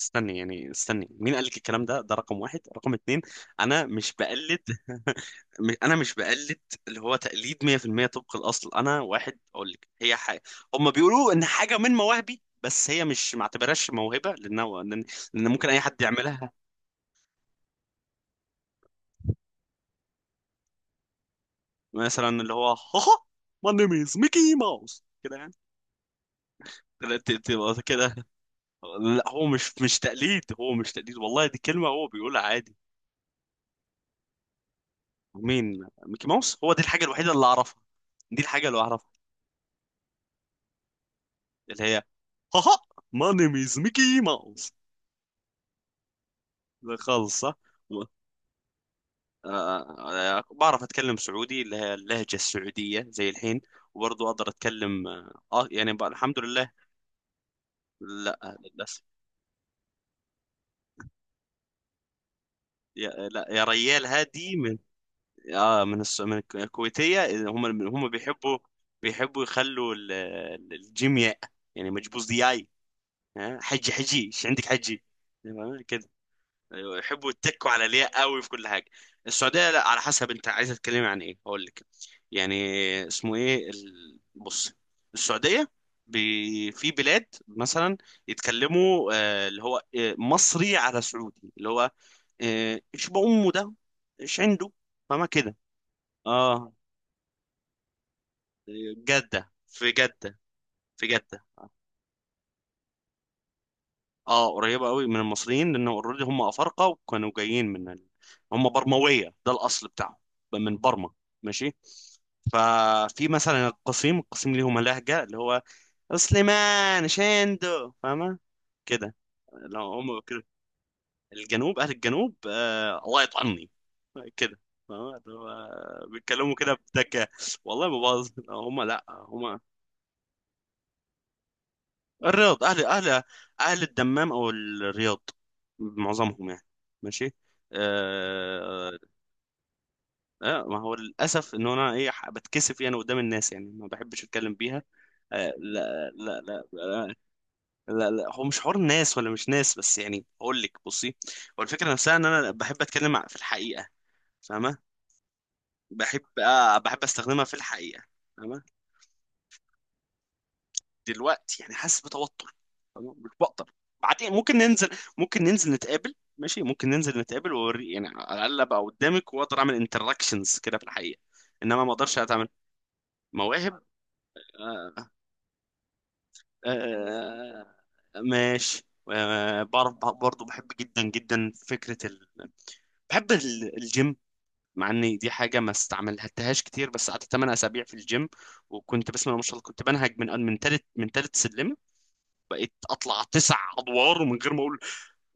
استني. مين قال لك الكلام ده رقم واحد. رقم اتنين، انا مش بقلد. انا مش بقلد. اللي هو تقليد 100% طبق الاصل. انا واحد اقول لك، هي حاجه هم بيقولوا ان حاجه من مواهبي، بس هي مش، ما اعتبرهاش موهبه، لان لان لأن ممكن اي حد يعملها. مثلا اللي هو، هاها، ماي نيم از ميكي ماوس، كده يعني. لا، كده. لا، هو مش تقليد والله. دي كلمه هو بيقولها عادي. مين؟ ميكي ماوس. هو دي الحاجه الوحيده اللي اعرفها. دي الحاجه اللي اعرفها. اللي هي، هاها، ماي نيم از ميكي ماوس. خالص صح. و- بعرف اتكلم سعودي، اللي هي اللهجه السعوديه، زي الحين. وبرضه اقدر اتكلم يعني، الحمد لله. لا، للاسف. يا، لا، يا ريال، هادي من، اه، من الس- من الك- الكويتيه. هم بيحبوا، بيحبوا يخلوا الجيم ياء. يعني مجبوز دياي. ها؟ حجي حجي، ايش عندك؟ حجي يعني. أيوة، يحبوا يتكوا على الياء قوي في كل حاجه. السعوديه، لا، على حسب، انت عايزه تتكلمي عن ايه هقول لك. يعني اسمه ايه؟ بص، السعوديه في بلاد مثلا يتكلموا اللي هو، مصري على سعودي، اللي هو ايش بأمه ده، ايش عنده. فما كده. اه، جده. في جده. في جده. اه، قريبة قوي من المصريين، لأنه اوريدي هم أفارقة، وكانوا جايين من هم برموية، ده الأصل بتاعهم، من برما. ماشي. ففي مثلا القصيم، القصيم ليهم لهجة، اللي هو سليمان شندو، فاهمة؟ كده. لو هم كده. أهل الجنوب، الله يطعني، كده. فاهمة؟ اللي هو بيتكلموا كده بذكاء. والله ما باظ هم، لا هم. الرياض، اهل اهل الدمام او الرياض، معظمهم يعني. ماشي. آه آه، ما هو للاسف ان انا، ايه، بتكسف يعني قدام الناس، يعني ما بحبش اتكلم بيها. آه لا لا لا، لا لا، هو مش حوار ناس ولا مش ناس، بس يعني اقول لك، بصي، هو الفكره نفسها ان انا بحب اتكلم، في الحقيقه، فاهمه؟ بحب استخدمها في الحقيقه. فاهمه؟ دلوقتي يعني حاسس بتوتر. أنا مش بقدر. بعدين ممكن ننزل. ممكن ننزل نتقابل، ماشي، ممكن ننزل نتقابل، واوري يعني على الاقل، ابقى قدامك واقدر اعمل انتراكشنز، كده، في الحقيقه. انما ما اقدرش اتعامل. مواهب. آه. آه. آه، ماشي. آه، بعرف برضه. بحب جدا جدا فكره بحب الجيم. مع ان دي حاجه ما استعملتهاش كتير، بس قعدت 8 اسابيع في الجيم، وكنت بسم الله ما شاء الله، كنت بنهج من تالت من تالت سلمه. بقيت اطلع تسع ادوار من غير ما اقول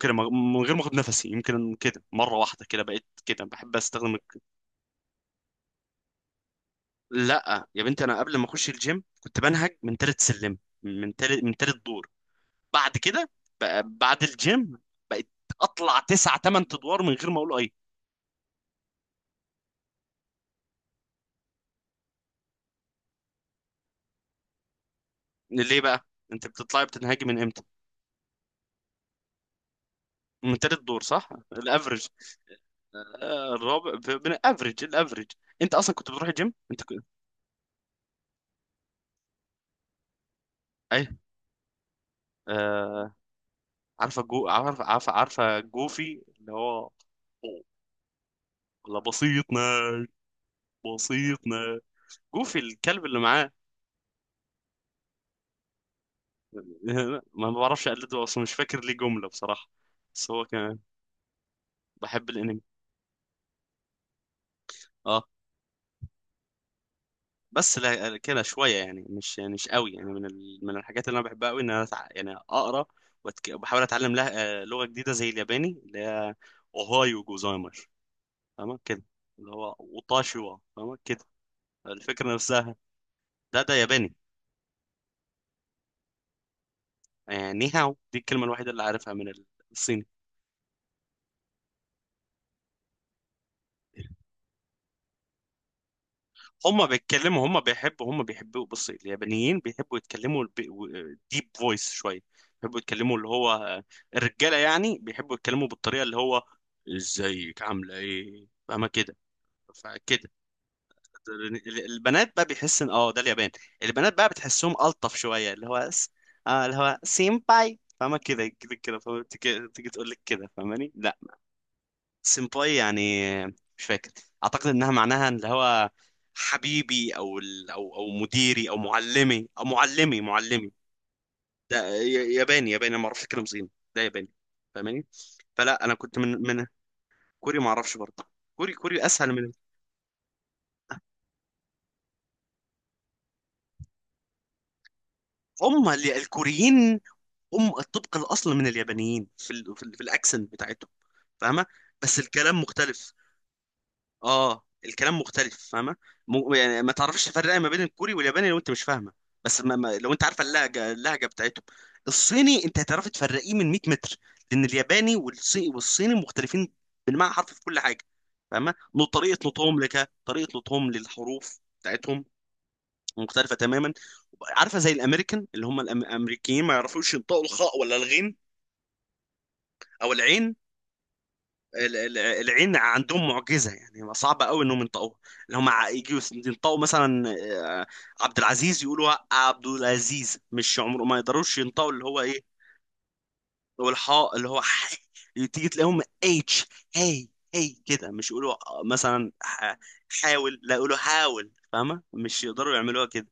كده، من غير ما اخد نفسي. يمكن كده مره واحده كده بقيت كده بحب استخدم لا يا بنتي، انا قبل ما اخش الجيم كنت بنهج من تالت سلم، من تالت دور. بعد كده، بعد الجيم بقيت اطلع تسع تمن ادوار من غير ما اقول اي. ليه بقى؟ انت بتطلعي بتنهجي من امتى؟ من تالت دور، صح الافرج. آه، الرابع، من الافرج الافرج. انت اصلا كنت بتروح الجيم؟ انت كنت، اي. آه، عارفه جو عارفه عارفه عارفه جوفي، اللي هو، أوه، لا بسيطنا، بسيطنا. جوفي الكلب اللي معاه. ما بعرفش اقلده اصلا، مش فاكر ليه جمله بصراحه، بس هو كان. بحب الانمي. اه، بس لا، كده شويه يعني مش قوي يعني، من من الحاجات اللي انا بحبها قوي ان انا، يعني اقرا وبحاول اتعلم لها، لغه جديده زي الياباني، اللي هي اوهايو جوزايمر، فاهمه كده؟ اللي هو اوتاشيوا، فاهمه كده؟ الفكره نفسها. ده ياباني. ني هاو، دي الكلمة الوحيدة اللي عارفها من الصيني. هم بيحبوا بص، اليابانيين بيحبوا يتكلموا ديب فويس شوية. بيحبوا يتكلموا اللي هو الرجالة يعني بيحبوا يتكلموا بالطريقة اللي هو، ازيك عاملة ايه، فاهمة كده؟ فكده. البنات بقى، بيحس ان اه ده اليابان. البنات بقى بتحسهم ألطف شوية، اللي هو اللي هو سينباي، فاهمة كده كده كده؟ فاهمة؟ تيجي تقول لك كده، فاهماني؟ لا، سيمباي يعني، مش فاكر، اعتقد انها معناها اللي هو حبيبي، او او مديري، او معلمي معلمي. ده ياباني، ياباني، ما اعرفش اتكلم صيني. ده ياباني، فاهماني؟ فلا، انا كنت من كوري، ما اعرفش برضه، كوري اسهل من، هم الكوريين هم الطبق الاصل من اليابانيين في في الاكسنت بتاعتهم، فاهمه؟ بس الكلام مختلف. اه، الكلام مختلف، فاهمه؟ يعني ما تعرفش تفرق ما بين الكوري والياباني لو انت مش فاهمه. بس ما... ما... لو انت عارفه اللهجه بتاعتهم، الصيني انت هتعرف تفرقيه من 100 متر، لان الياباني والصيني مختلفين بالمعنى حرف، في كل حاجه، فاهمه؟ طريقه نطقهم، لك طريقه نطقهم للحروف بتاعتهم، مختلفه تماما. عارفه زي الامريكان، اللي هم الامريكيين ما يعرفوش ينطقوا الخاء ولا الغين او العين. العين عندهم معجزه، يعني صعبه قوي انهم ينطقوها. اللي هم يجوا ينطقوا مثلا، آه، عبد العزيز، يقولوا عبد العزيز، مش عمره ما يقدروش ينطقوا اللي هو ايه، اللي هو الحاء، اللي هو ح، تيجي تلاقيهم اتش، هي، هي كده، مش يقولوا مثلا حاول، لا يقولوا حاول، فاهمه؟ مش يقدروا يعملوها كده.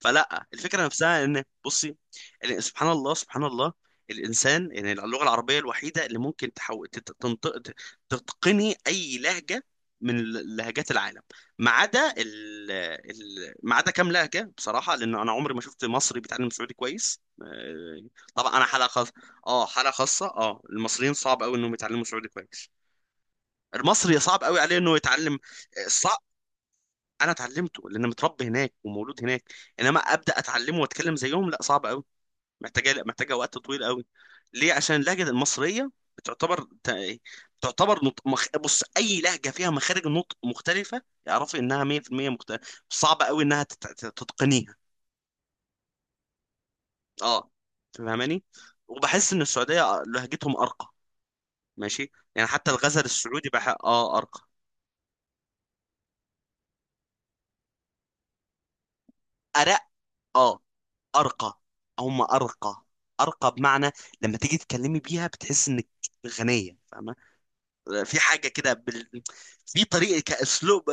فلا، الفكره نفسها ان، بصي، سبحان الله، سبحان الله، الانسان يعني اللغه العربيه الوحيده اللي ممكن تنطق، تتقني اي لهجه من لهجات العالم، ما عدا ما عدا كام لهجه بصراحه، لان انا عمري ما شفت مصري بيتعلم سعودي كويس، طبعا انا حلقه خاصه. اه، حلقه خاصه، اه، المصريين صعب قوي انهم يتعلموا سعودي كويس، المصري صعب قوي عليه انه يتعلم. انا اتعلمته لان متربي هناك ومولود هناك، انما ابدا اتعلمه واتكلم زيهم، لا، صعب قوي. محتاجه محتاجه وقت طويل قوي. ليه؟ عشان اللهجه المصريه بتعتبر تعتبر، بص، اي لهجه فيها مخارج النطق مختلفه، اعرفي انها 100% مختلفه، صعب قوي انها تتقنيها. اه، فاهماني؟ وبحس ان السعوديه لهجتهم ارقى، ماشي يعني، حتى الغزل السعودي بح... اه ارقى. ارق. اه، ارقى. هم ارقى. ارقى بمعنى، لما تيجي تتكلمي بيها، بتحس انك غنيه، فاهمه؟ في حاجه كده في طريقه، كاسلوب.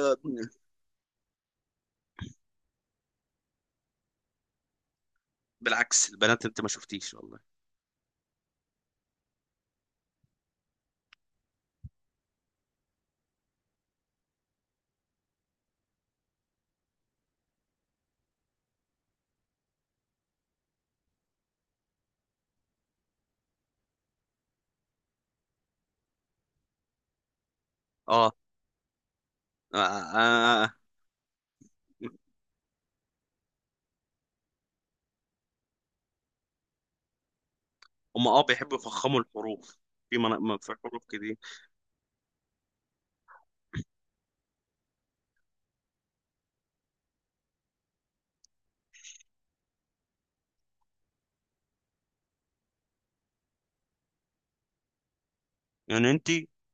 بالعكس البنات، انت ما شفتيش، والله. اه، آه، آه. آه، هم، اه، بيحبوا يفخموا الحروف. في في حروف كده. يعني انت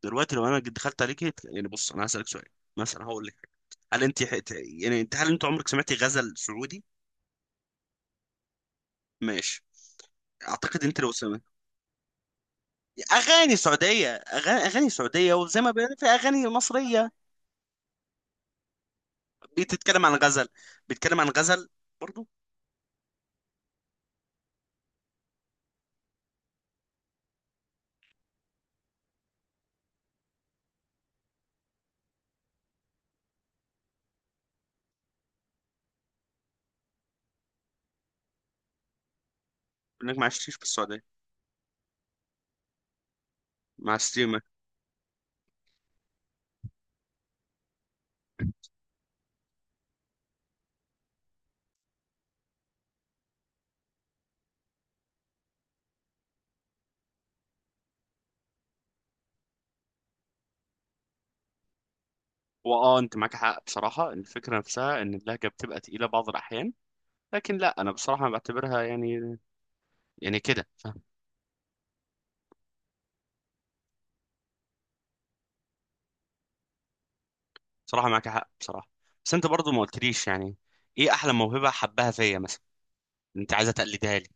دلوقتي، لو انا دخلت عليك، يعني بص انا هسالك سؤال، مثلا هقول لك حاجه، هل انت حت... يعني انت هل انت عمرك سمعتي غزل سعودي؟ ماشي. اعتقد انت لو اغاني سعوديه، اغاني سعوديه، وزي ما بيقولوا في اغاني مصريه، بتتكلم عن غزل، بيتكلم عن غزل برضو. انك ما عشتيش في السعوديه، مع ستيمة. واه، انت معك حق بصراحه، إن الفكره نفسها ان اللهجه بتبقى تقيله بعض الاحيان، لكن لا، انا بصراحه بعتبرها يعني، يعني كده، فاهم؟ بصراحه معك حق بصراحه، بس انت برضو ما قلتليش يعني ايه احلى موهبه حباها فيا، مثلا انت عايزه تقلدها لي،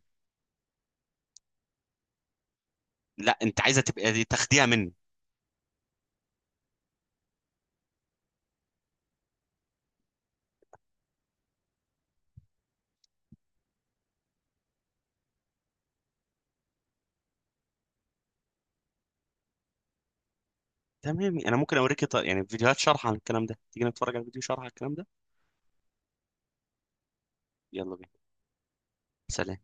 لا انت عايزه تبقى دي تاخديها مني. تمام، انا ممكن اوريك، يعني فيديوهات شرح عن الكلام ده، تيجي نتفرج على فيديو شرح عن الكلام ده. يلا بينا. سلام.